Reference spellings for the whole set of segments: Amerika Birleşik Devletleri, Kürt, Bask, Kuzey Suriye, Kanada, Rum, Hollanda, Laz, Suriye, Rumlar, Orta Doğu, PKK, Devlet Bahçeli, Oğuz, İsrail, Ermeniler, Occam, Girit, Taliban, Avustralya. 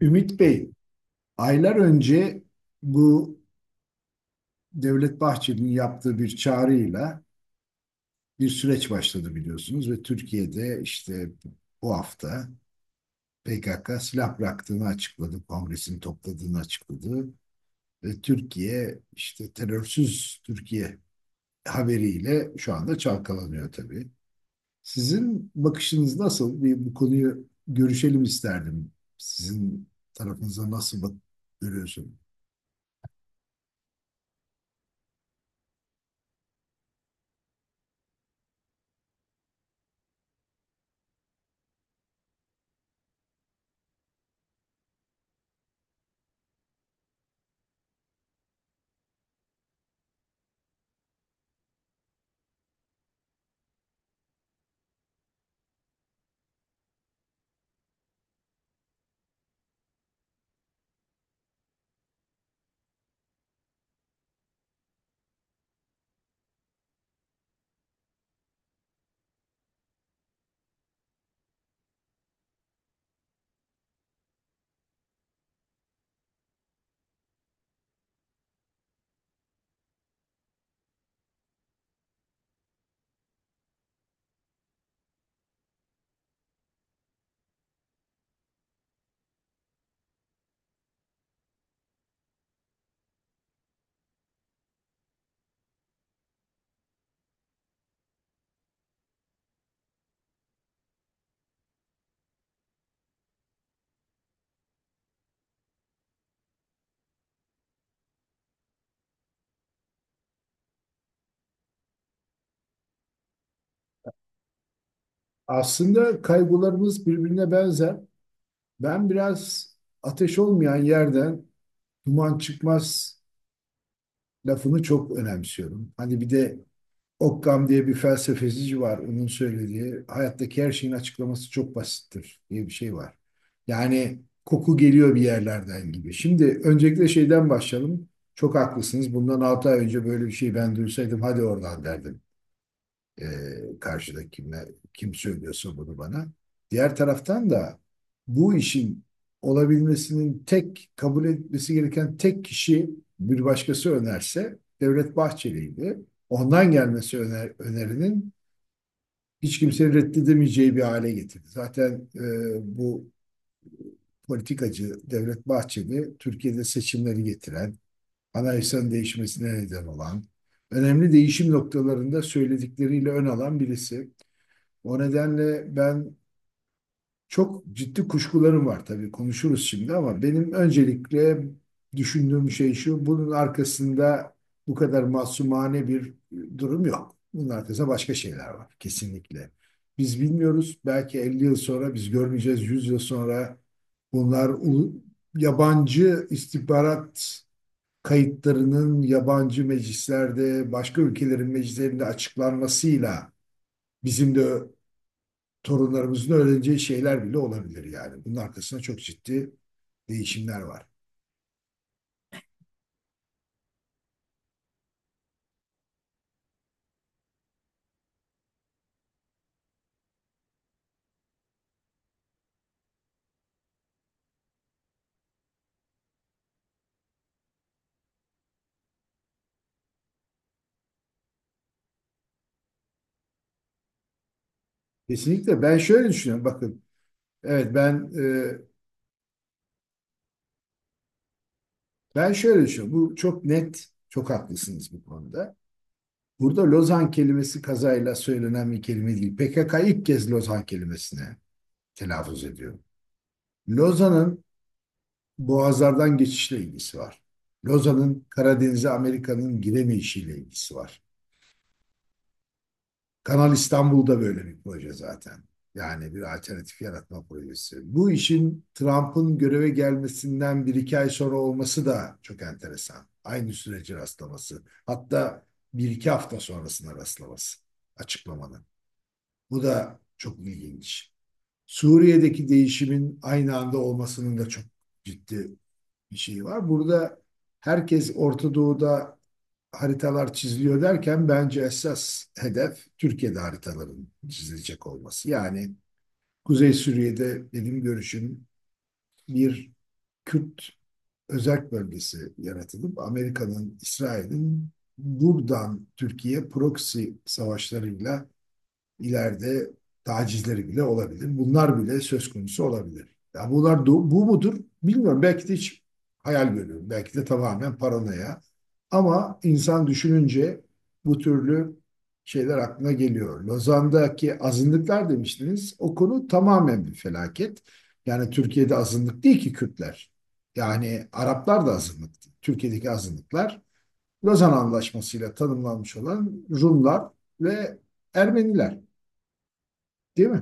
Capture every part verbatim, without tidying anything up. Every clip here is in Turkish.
Ümit Bey, aylar önce bu Devlet Bahçeli'nin yaptığı bir çağrıyla bir süreç başladı biliyorsunuz ve Türkiye'de işte bu hafta P K K silah bıraktığını açıkladı, kongresini topladığını açıkladı ve Türkiye işte terörsüz Türkiye haberiyle şu anda çalkalanıyor tabii. Sizin bakışınız nasıl? Bir bu konuyu görüşelim isterdim. Sizin tarafınıza nasıl bak görüyorsunuz? Aslında kaygılarımız birbirine benzer. Ben biraz ateş olmayan yerden duman çıkmaz lafını çok önemsiyorum. Hani bir de Occam diye bir felsefeci var. Onun söylediği hayattaki her şeyin açıklaması çok basittir diye bir şey var. Yani koku geliyor bir yerlerden gibi. Şimdi öncelikle şeyden başlayalım. Çok haklısınız. Bundan altı ay önce böyle bir şey ben duysaydım hadi oradan derdim. E, Karşıdaki kimle, kim söylüyorsa bunu bana. Diğer taraftan da bu işin olabilmesinin tek kabul etmesi gereken tek kişi bir başkası önerse Devlet Bahçeli'ydi. Ondan gelmesi öner, önerinin hiç kimsenin reddedemeyeceği bir hale getirdi. Zaten e, bu politikacı Devlet Bahçeli Türkiye'de seçimleri getiren, anayasanın değişmesine neden olan, önemli değişim noktalarında söyledikleriyle ön alan birisi. O nedenle ben çok ciddi kuşkularım var tabii konuşuruz şimdi ama benim öncelikle düşündüğüm şey şu, bunun arkasında bu kadar masumane bir durum yok. Bunun arkasında başka şeyler var kesinlikle. Biz bilmiyoruz. Belki elli yıl sonra biz görmeyeceğiz. yüz yıl sonra bunlar ulu- yabancı istihbarat kayıtlarının yabancı meclislerde, başka ülkelerin meclislerinde açıklanmasıyla bizim de torunlarımızın öğreneceği şeyler bile olabilir yani. Bunun arkasında çok ciddi değişimler var. Kesinlikle ben şöyle düşünüyorum. Bakın, evet ben e, ben şöyle düşünüyorum. Bu çok net, çok haklısınız bu konuda. Burada Lozan kelimesi kazayla söylenen bir kelime değil. P K K ilk kez Lozan kelimesine telaffuz ediyor. Lozan'ın boğazlardan geçişle ilgisi var. Lozan'ın Karadeniz'e Amerika'nın giremeyişiyle ilgisi var. Kanal İstanbul'da böyle bir proje zaten. Yani bir alternatif yaratma projesi. Bu işin Trump'ın göreve gelmesinden bir iki ay sonra olması da çok enteresan. Aynı süreci rastlaması. Hatta bir iki hafta sonrasına rastlaması açıklamanın. Bu da çok ilginç. Suriye'deki değişimin aynı anda olmasının da çok ciddi bir şeyi var. Burada herkes Orta Doğu'da haritalar çiziliyor derken bence esas hedef Türkiye'de haritaların çizilecek olması. Yani Kuzey Suriye'de benim görüşüm bir Kürt özerk bölgesi yaratılıp Amerika'nın, İsrail'in buradan Türkiye proxy savaşlarıyla ileride tacizleri bile olabilir. Bunlar bile söz konusu olabilir. Ya bunlar do- bu mudur? Bilmiyorum. Belki de hiç hayal görüyorum. Belki de tamamen paranoya. Ama insan düşününce bu türlü şeyler aklına geliyor. Lozan'daki azınlıklar demiştiniz. O konu tamamen bir felaket. Yani Türkiye'de azınlık değil ki Kürtler. Yani Araplar da azınlıktı. Türkiye'deki azınlıklar Lozan Anlaşması'yla tanımlanmış olan Rumlar ve Ermeniler. Değil mi?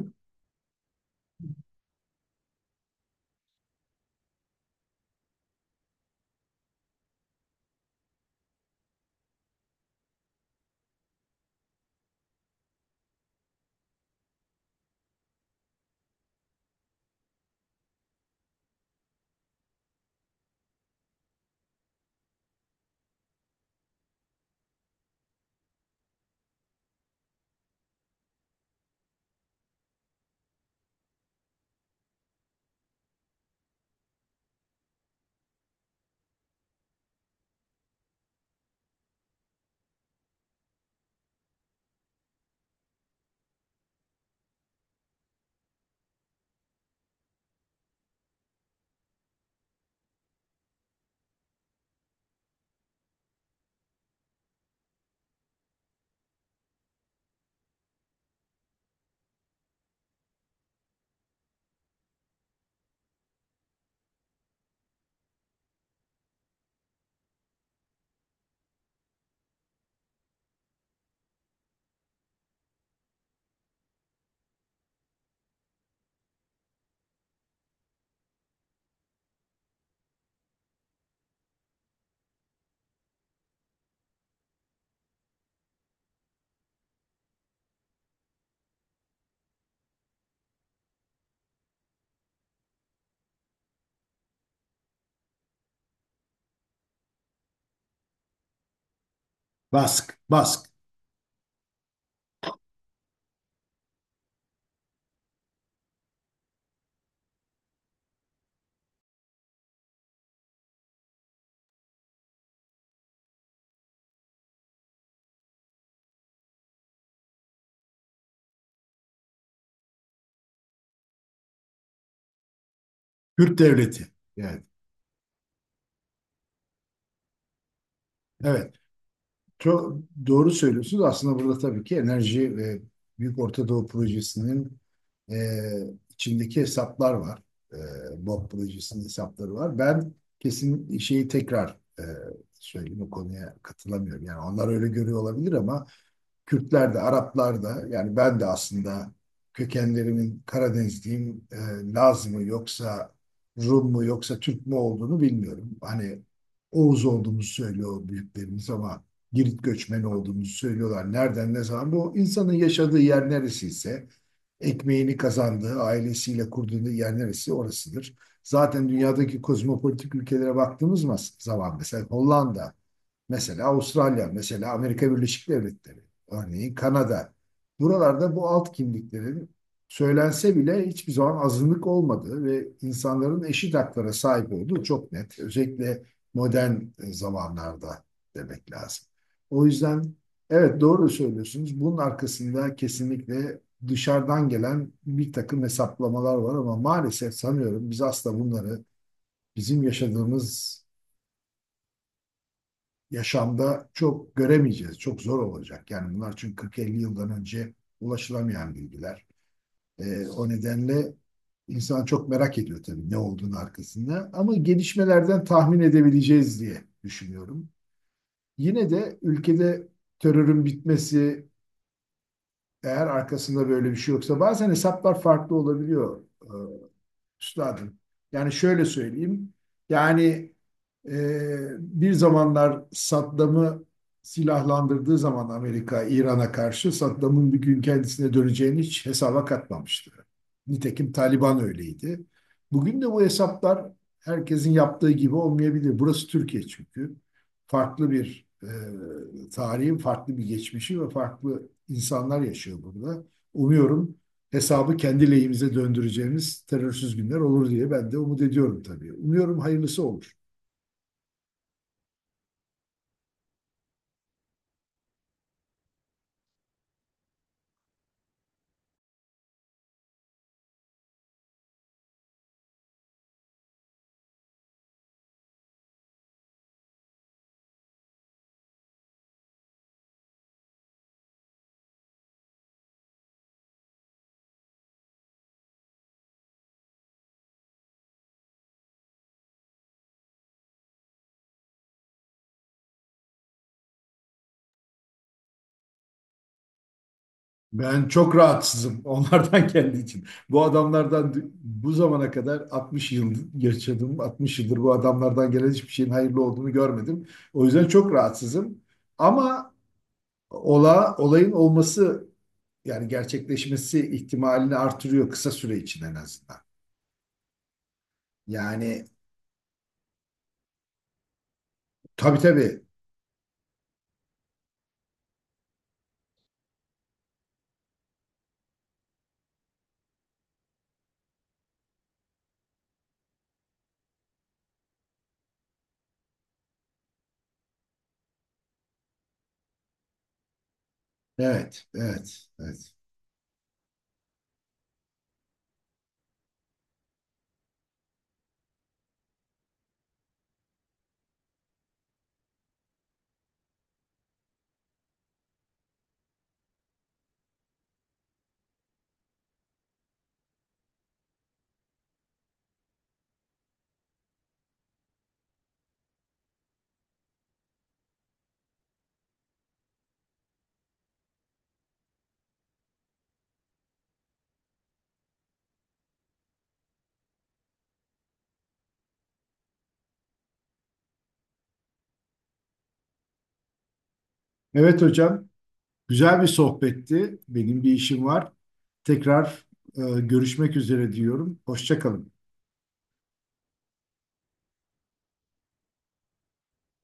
Bask, Bask, Kürt devleti. Yani evet. Çok doğru söylüyorsunuz. Aslında burada tabii ki enerji ve Büyük Orta Doğu Projesi'nin e, içindeki hesaplar var. E, BOP projesinin hesapları var. Ben kesin şeyi tekrar e, söyleyeyim o konuya katılamıyorum. Yani onlar öyle görüyor olabilir ama Kürtler de, Araplar da yani ben de aslında kökenlerimin Karadenizliyim, e, Laz mı yoksa Rum mu yoksa Türk mü olduğunu bilmiyorum. Hani Oğuz olduğumuzu söylüyor büyüklerimiz ama Girit göçmeni olduğumuzu söylüyorlar. Nereden ne zaman? Bu insanın yaşadığı yer neresiyse, ekmeğini kazandığı, ailesiyle kurduğu yer neresi orasıdır. Zaten dünyadaki kozmopolitik ülkelere baktığımız mas- zaman mesela Hollanda, mesela Avustralya, mesela Amerika Birleşik Devletleri, örneğin Kanada. Buralarda bu alt kimliklerin söylense bile hiçbir zaman azınlık olmadığı ve insanların eşit haklara sahip olduğu çok net. Özellikle modern e, zamanlarda demek lazım. O yüzden evet doğru söylüyorsunuz. Bunun arkasında kesinlikle dışarıdan gelen bir takım hesaplamalar var ama maalesef sanıyorum biz asla bunları bizim yaşadığımız yaşamda çok göremeyeceğiz. Çok zor olacak. Yani bunlar çünkü kırk elli yıldan önce ulaşılamayan bilgiler. Ee, o nedenle insan çok merak ediyor tabii ne olduğunu arkasında. Ama gelişmelerden tahmin edebileceğiz diye düşünüyorum. Yine de ülkede terörün bitmesi eğer arkasında böyle bir şey yoksa bazen hesaplar farklı olabiliyor. Ee, üstadım. Yani şöyle söyleyeyim. Yani e, bir zamanlar Saddam'ı silahlandırdığı zaman Amerika İran'a karşı Saddam'ın bir gün kendisine döneceğini hiç hesaba katmamıştı. Nitekim Taliban öyleydi. Bugün de bu hesaplar herkesin yaptığı gibi olmayabilir. Burası Türkiye çünkü. Farklı bir e, tarihin farklı bir geçmişi ve farklı insanlar yaşıyor burada. Umuyorum hesabı kendi lehimize döndüreceğimiz terörsüz günler olur diye ben de umut ediyorum tabii. Umuyorum hayırlısı olur. Ben çok rahatsızım onlardan kendi için. Bu adamlardan bu zamana kadar altmış yıl yaşadım. altmış yıldır bu adamlardan gelen hiçbir şeyin hayırlı olduğunu görmedim. O yüzden çok rahatsızım. Ama ola, olayın olması yani gerçekleşmesi ihtimalini artırıyor kısa süre için en azından. Yani tabii tabii. Evet, evet, evet. Evet hocam. Güzel bir sohbetti. Benim bir işim var. Tekrar e, görüşmek üzere diyorum. Hoşça kalın.